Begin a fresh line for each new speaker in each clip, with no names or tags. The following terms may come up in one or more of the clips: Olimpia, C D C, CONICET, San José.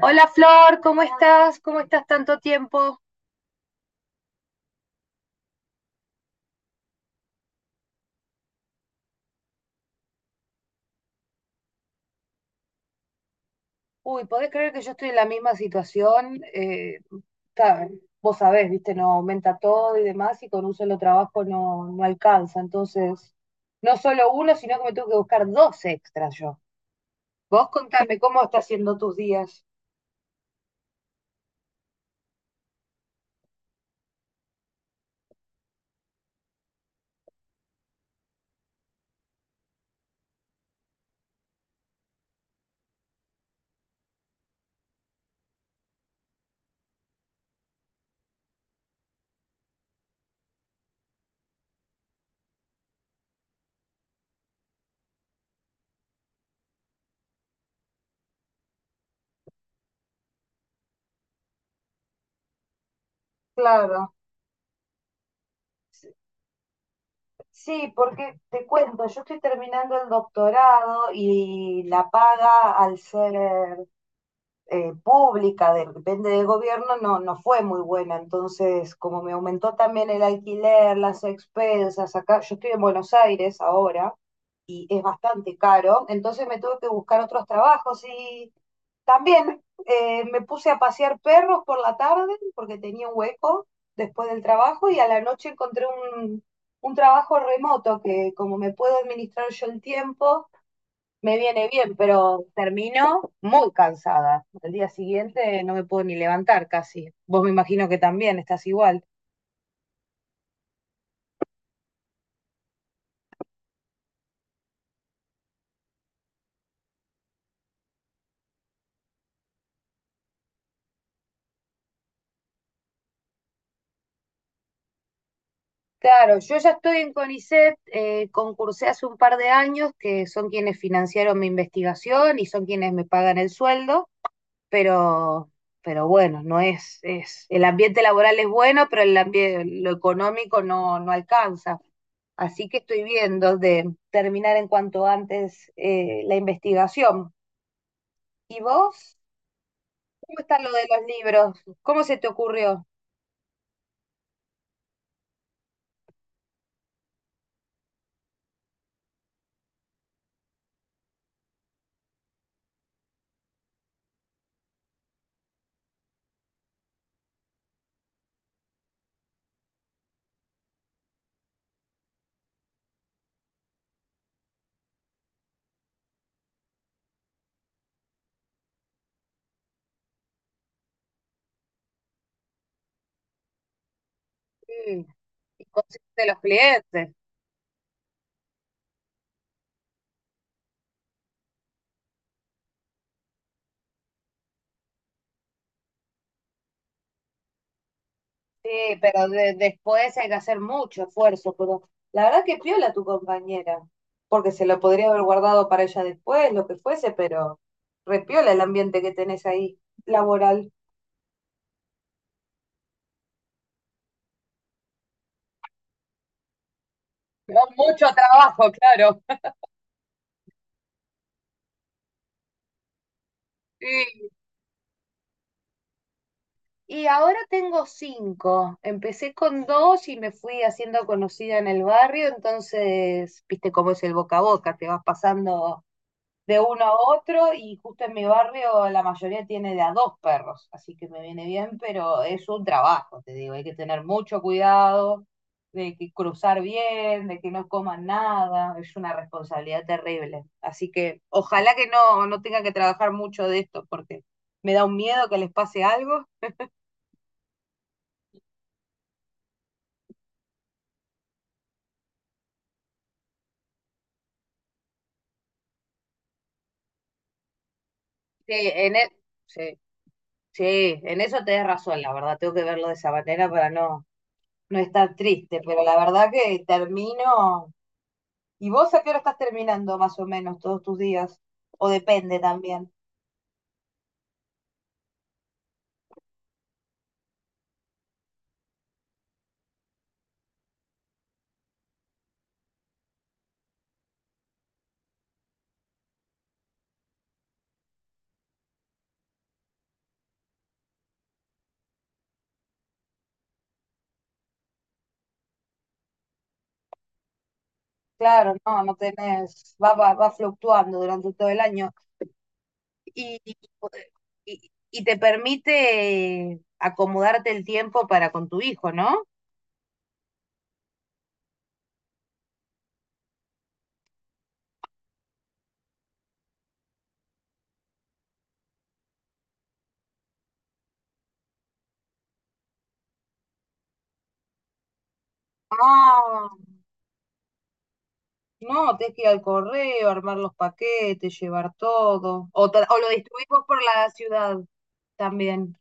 Hola Flor, ¿cómo estás? ¿Cómo estás tanto tiempo? Uy, ¿podés creer que yo estoy en la misma situación? Ta- vos sabés, viste, no aumenta todo y demás, y con un solo trabajo no, no alcanza. Entonces, no solo uno, sino que me tengo que buscar dos extras yo. Vos contame, ¿cómo estás haciendo tus días? Claro. Sí, porque te cuento, yo estoy terminando el doctorado y la paga al ser pública, depende del gobierno, no, no fue muy buena. Entonces, como me aumentó también el alquiler, las expensas, acá, yo estoy en Buenos Aires ahora, y es bastante caro. Entonces me tuve que buscar otros trabajos y también me puse a pasear perros por la tarde porque tenía un hueco después del trabajo y a la noche encontré un, un trabajo remoto que como me puedo administrar yo el tiempo, me viene bien, pero termino muy cansada. El día siguiente no me puedo ni levantar casi. Vos me imagino que también estás igual. Claro, yo ya estoy en CONICET, concursé hace un par de años, que son quienes financiaron mi investigación y son quienes me pagan el sueldo, pero, pero bueno, no es, el ambiente laboral es bueno, pero el ambiente, lo económico no, no alcanza. Así que estoy viendo de terminar en cuanto antes la investigación. ¿Y vos? ¿Cómo está lo de los libros? ¿Cómo se te ocurrió? Mm. ¿Y consejos de los clientes? Sí, pero después hay que hacer mucho esfuerzo, pero la verdad que piola tu compañera, porque se lo podría haber guardado para ella después, lo que fuese, pero repiola el ambiente que tenés ahí, laboral. Con mucho trabajo, claro. Sí. Y ahora tengo cinco. Empecé con dos y me fui haciendo conocida en el barrio, entonces, viste cómo es el boca a boca, te vas pasando de uno a otro y justo en mi barrio la mayoría tiene de a dos perros, así que me viene bien, pero es un trabajo, te digo, hay que tener mucho cuidado de que cruzar bien, de que no coman nada, es una responsabilidad terrible. Así que ojalá que no, no tenga que trabajar mucho de esto porque me da un miedo que les pase algo. Sí, en e- sí, sí, en eso tenés razón, la verdad, tengo que verlo de esa manera para no, no estar triste, pero la verdad que termino. ¿Y vos a qué hora estás terminando más o menos todos tus días? O depende también. Claro, no, no tenés, va fluctuando durante todo el año. Y, y te permite acomodarte el tiempo para con tu hijo, ¿no? Ah, no, tenés que ir al correo, armar los paquetes, llevar todo. O lo distribuís vos por la ciudad también.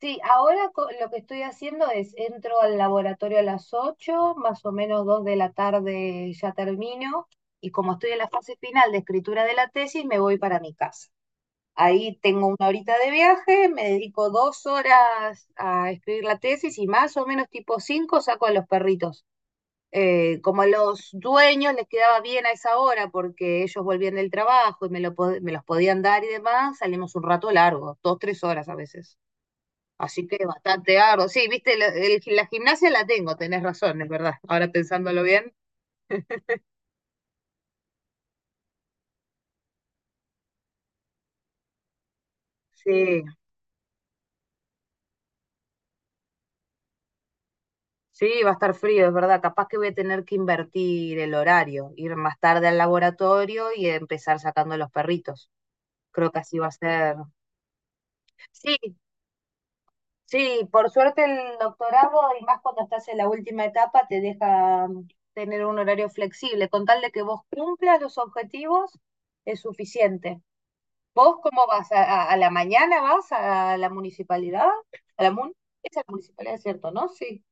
Sí, ahora lo que estoy haciendo es entro al laboratorio a las 8, más o menos 2 de la tarde ya termino, y como estoy en la fase final de escritura de la tesis, me voy para mi casa. Ahí tengo una horita de viaje, me dedico 2 horas a escribir la tesis y más o menos tipo 5 saco a los perritos. Como a los dueños les quedaba bien a esa hora porque ellos volvían del trabajo y me, me los podían dar y demás, salimos un rato largo, 2, 3 horas a veces. Así que bastante arduo. Sí, viste, la gimnasia la tengo, tenés razón, es verdad. Ahora pensándolo bien. Sí, sí, va a estar frío, es verdad. Capaz que voy a tener que invertir el horario, ir más tarde al laboratorio y empezar sacando los perritos. Creo que así va a ser. Sí, sí, por suerte el doctorado, y más cuando estás en la última etapa, te deja tener un horario flexible. Con tal de que vos cumplas los objetivos, es suficiente. ¿Vos cómo vas? ¿A la mañana vas a la municipalidad? ¿A la mun? Es a la municipalidad, ¿cierto? ¿No? Sí.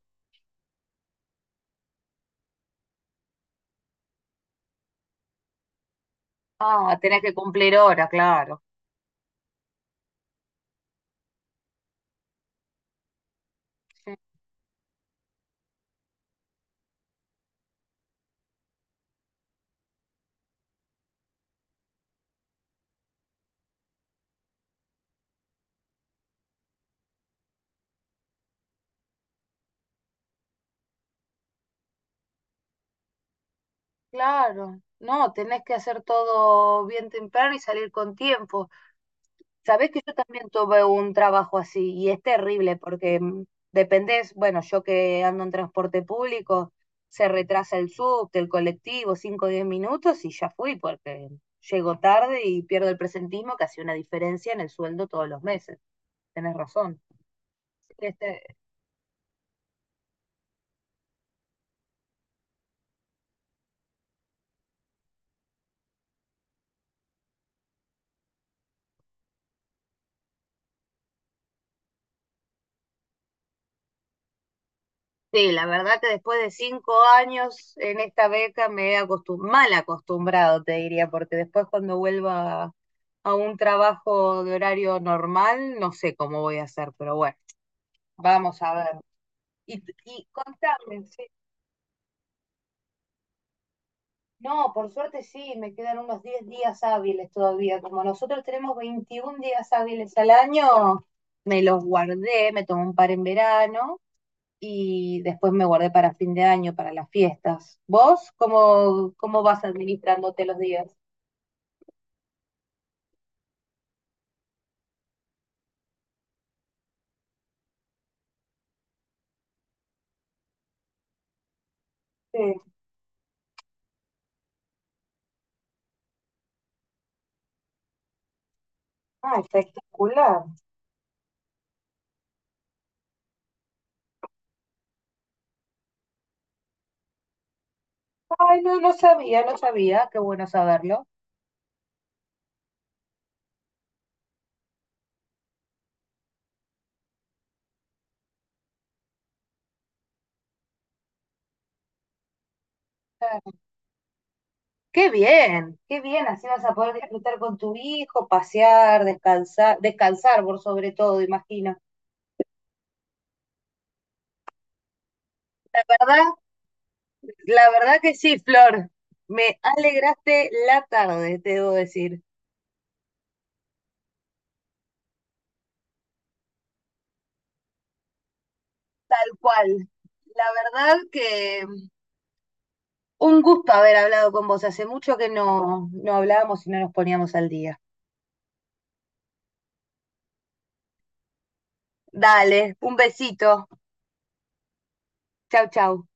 Ah, tenés que cumplir hora, claro. Sí. Claro, no, tenés que hacer todo bien temprano y salir con tiempo. Sabés que yo también tuve un trabajo así y es terrible porque dependés, bueno, yo que ando en transporte público, se retrasa el subte, el colectivo, cinco o 10 minutos y ya fui porque llego tarde y pierdo el presentismo que hace una diferencia en el sueldo todos los meses. Tenés razón. Este. Sí, la verdad que después de 5 años en esta beca me he mal acostumbrado, te diría, porque después cuando vuelva a un trabajo de horario normal, no sé cómo voy a hacer, pero bueno, vamos a ver. Y contame, sí. No, por suerte sí, me quedan unos 10 días hábiles todavía. Como nosotros tenemos 21 días hábiles al año, me los guardé, me tomé un par en verano y después me guardé para fin de año, para las fiestas. ¿Vos cómo vas administrándote los días? Sí. Ah, espectacular. Ay, no, no sabía, no sabía, qué bueno saberlo. Claro. Qué bien, así vas a poder disfrutar con tu hijo, pasear, descansar, descansar por sobre todo, imagino. La verdad, la verdad que sí, Flor, me alegraste la tarde, te debo decir, tal cual. La verdad que. Un gusto haber hablado con vos. Hace mucho que no, no hablábamos y no nos poníamos al día. Dale, un besito. Chau, chau.